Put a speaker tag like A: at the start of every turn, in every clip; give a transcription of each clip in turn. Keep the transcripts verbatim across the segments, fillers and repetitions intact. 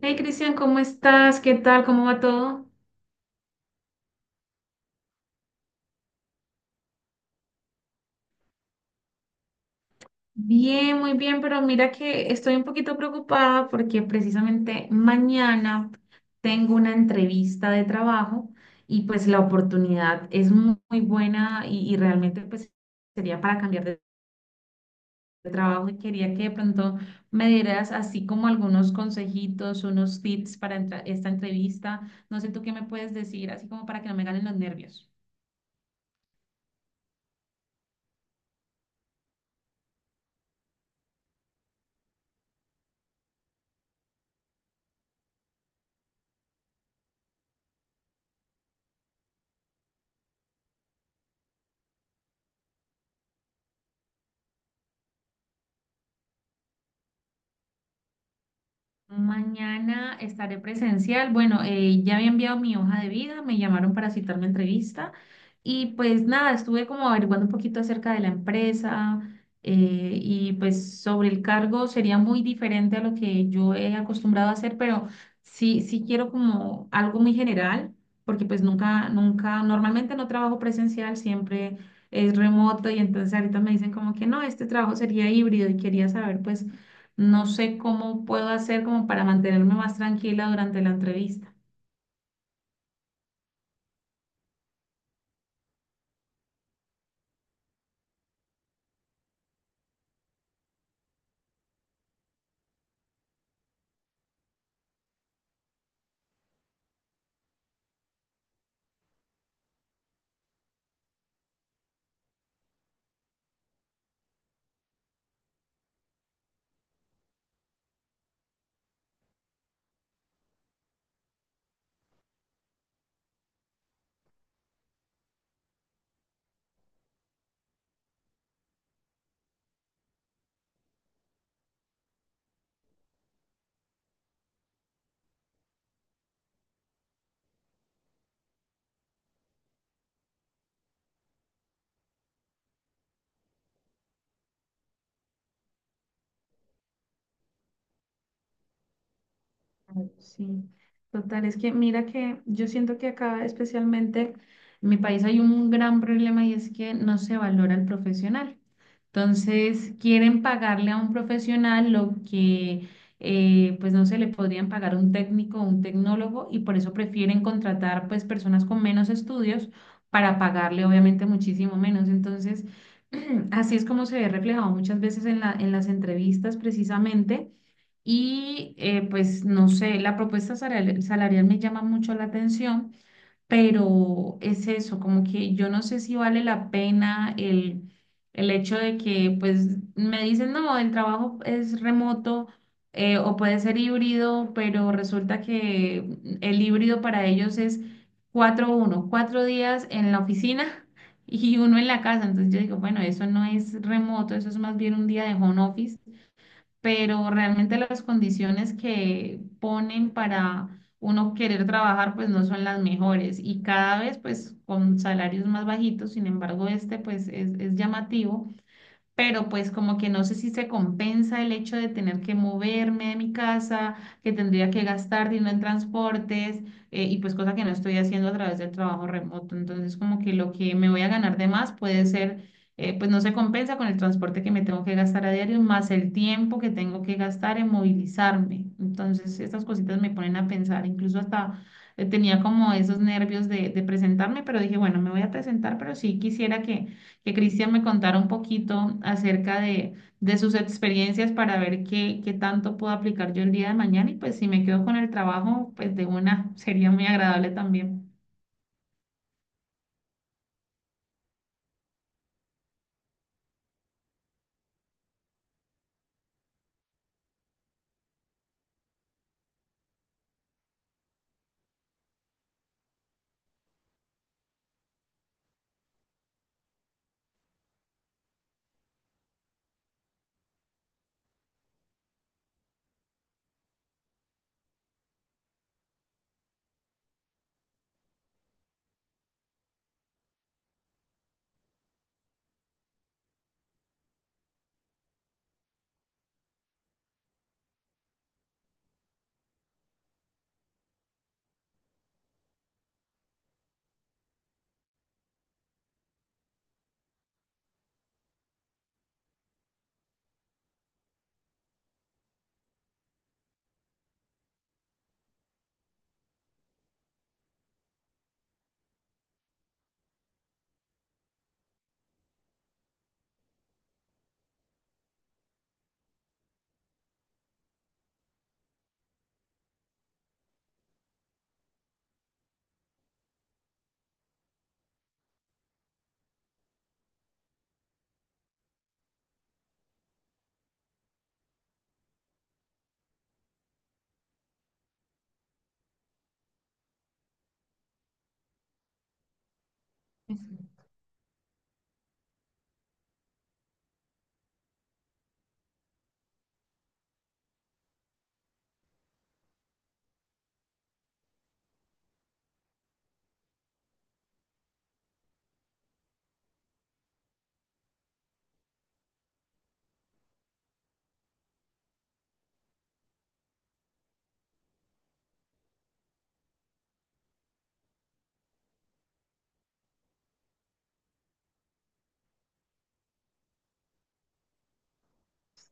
A: Hey Cristian, ¿cómo estás? ¿Qué tal? ¿Cómo va todo? Bien, muy bien, pero mira que estoy un poquito preocupada porque precisamente mañana tengo una entrevista de trabajo y pues la oportunidad es mu- muy, buena y, y realmente pues sería para cambiar de, de trabajo y quería que de pronto me dieras así como algunos consejitos, unos tips para entra- esta entrevista. No sé tú qué me puedes decir, así como para que no me ganen los nervios. Mañana estaré presencial. Bueno, eh, ya había enviado mi hoja de vida, me llamaron para citarme a entrevista y pues nada, estuve como averiguando un poquito acerca de la empresa eh, y pues sobre el cargo sería muy diferente a lo que yo he acostumbrado a hacer, pero sí, sí quiero como algo muy general, porque pues nunca, nunca, normalmente no trabajo presencial, siempre es remoto y entonces ahorita me dicen como que no, este trabajo sería híbrido y quería saber pues no sé cómo puedo hacer como para mantenerme más tranquila durante la entrevista. Sí, total, es que mira que yo siento que acá especialmente en mi país hay un gran problema y es que no se valora el profesional. Entonces, quieren pagarle a un profesional lo que eh, pues no se le podrían pagar a un técnico o un tecnólogo y por eso prefieren contratar pues personas con menos estudios para pagarle obviamente muchísimo menos. Entonces, así es como se ve reflejado muchas veces en la, en las entrevistas precisamente y eh, pues no sé, la propuesta salarial, salarial me llama mucho la atención, pero es eso, como que yo no sé si vale la pena el, el hecho de que pues me dicen, no, el trabajo es remoto eh, o puede ser híbrido, pero resulta que el híbrido para ellos es cuatro uno cuatro días en la oficina y uno en la casa. Entonces yo digo, bueno, eso no es remoto, eso es más bien un día de home office, pero realmente las condiciones que ponen para uno querer trabajar pues no son las mejores y cada vez pues con salarios más bajitos, sin embargo este pues es, es llamativo, pero pues como que no sé si se compensa el hecho de tener que moverme de mi casa, que tendría que gastar dinero en transportes eh, y pues cosa que no estoy haciendo a través del trabajo remoto. Entonces como que lo que me voy a ganar de más puede ser, eh, pues no se compensa con el transporte que me tengo que gastar a diario, más el tiempo que tengo que gastar en movilizarme. Entonces estas cositas me ponen a pensar, incluso hasta... eh, Tenía como esos nervios de, de presentarme, pero dije, bueno, me voy a presentar, pero sí quisiera que, que Cristian me contara un poquito acerca de, de sus experiencias para ver qué, qué tanto puedo aplicar yo el día de mañana y pues si me quedo con el trabajo, pues de una sería muy agradable también.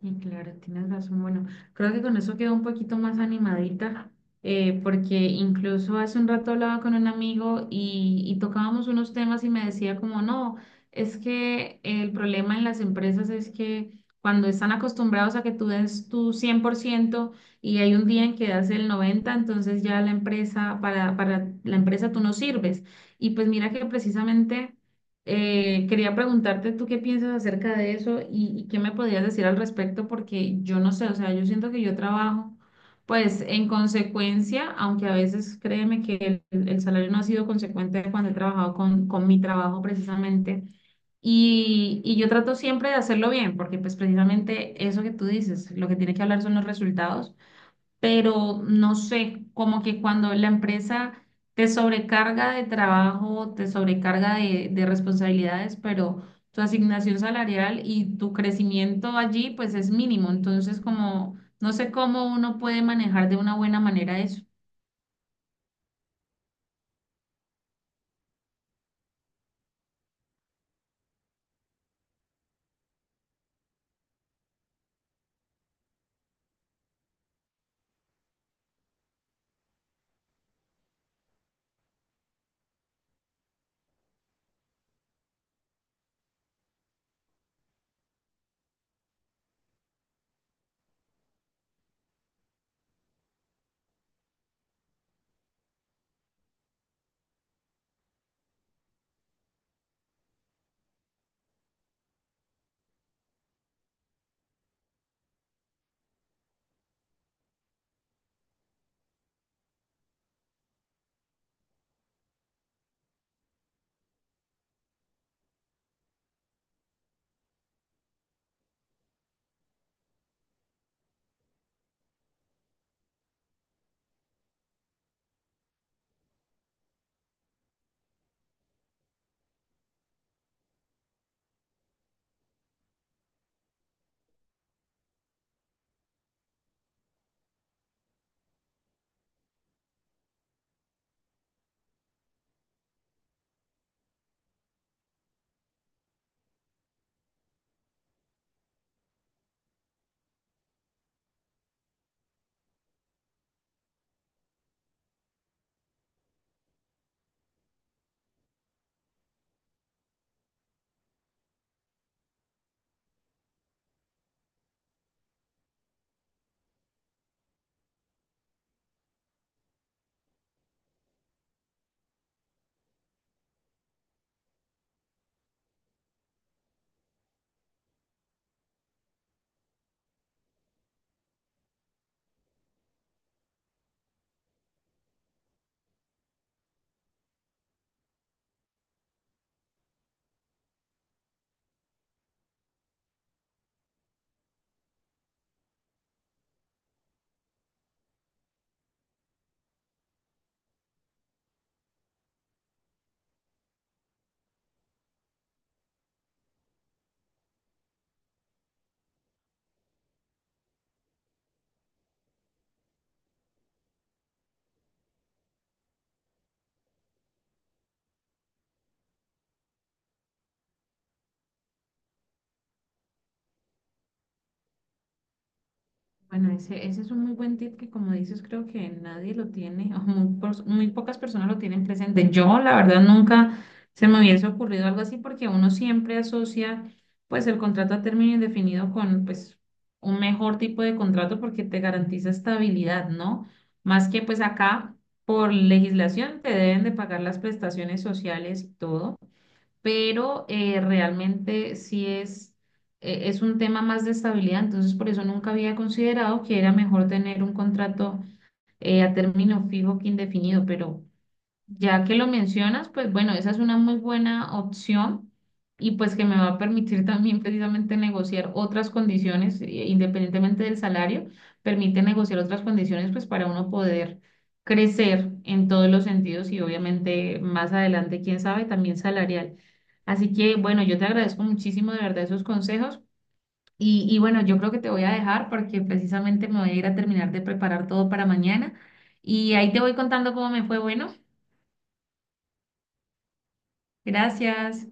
A: Sí, claro, tienes razón. Bueno, creo que con eso quedo un poquito más animadita, eh, porque incluso hace un rato hablaba con un amigo y, y tocábamos unos temas y me decía como, no, es que el problema en las empresas es que cuando están acostumbrados a que tú des tu cien por ciento y hay un día en que das el noventa por ciento, entonces ya la empresa, para, para la empresa tú no sirves. Y pues mira que precisamente... Eh, quería preguntarte tú qué piensas acerca de eso y, y qué me podrías decir al respecto, porque yo no sé, o sea, yo siento que yo trabajo, pues en consecuencia, aunque a veces créeme que el, el salario no ha sido consecuente cuando he trabajado con, con mi trabajo precisamente. Y, y yo trato siempre de hacerlo bien, porque pues precisamente eso que tú dices, lo que tiene que hablar son los resultados, pero no sé, como que cuando la empresa te sobrecarga de trabajo, te sobrecarga de, de responsabilidades, pero tu asignación salarial y tu crecimiento allí pues es mínimo, entonces como no sé cómo uno puede manejar de una buena manera eso. Bueno, ese, ese es un muy buen tip que, como dices, creo que nadie lo tiene, o muy, pos- muy pocas personas lo tienen presente. Yo, la verdad, nunca se me hubiese ocurrido algo así porque uno siempre asocia pues el contrato a término indefinido con pues un mejor tipo de contrato porque te garantiza estabilidad, ¿no? Más que pues acá por legislación te deben de pagar las prestaciones sociales y todo, pero eh, realmente sí es, eh, es un tema más de estabilidad, entonces por eso nunca había considerado que era mejor tener un contrato eh, a término fijo que indefinido, pero ya que lo mencionas, pues bueno, esa es una muy buena opción y pues que me va a permitir también precisamente negociar otras condiciones, eh, independientemente del salario, permite negociar otras condiciones pues para uno poder crecer en todos los sentidos y obviamente más adelante, quién sabe, también salarial. Así que bueno, yo te agradezco muchísimo de verdad esos consejos y, y bueno, yo creo que te voy a dejar porque precisamente me voy a ir a terminar de preparar todo para mañana y ahí te voy contando cómo me fue, bueno. Gracias.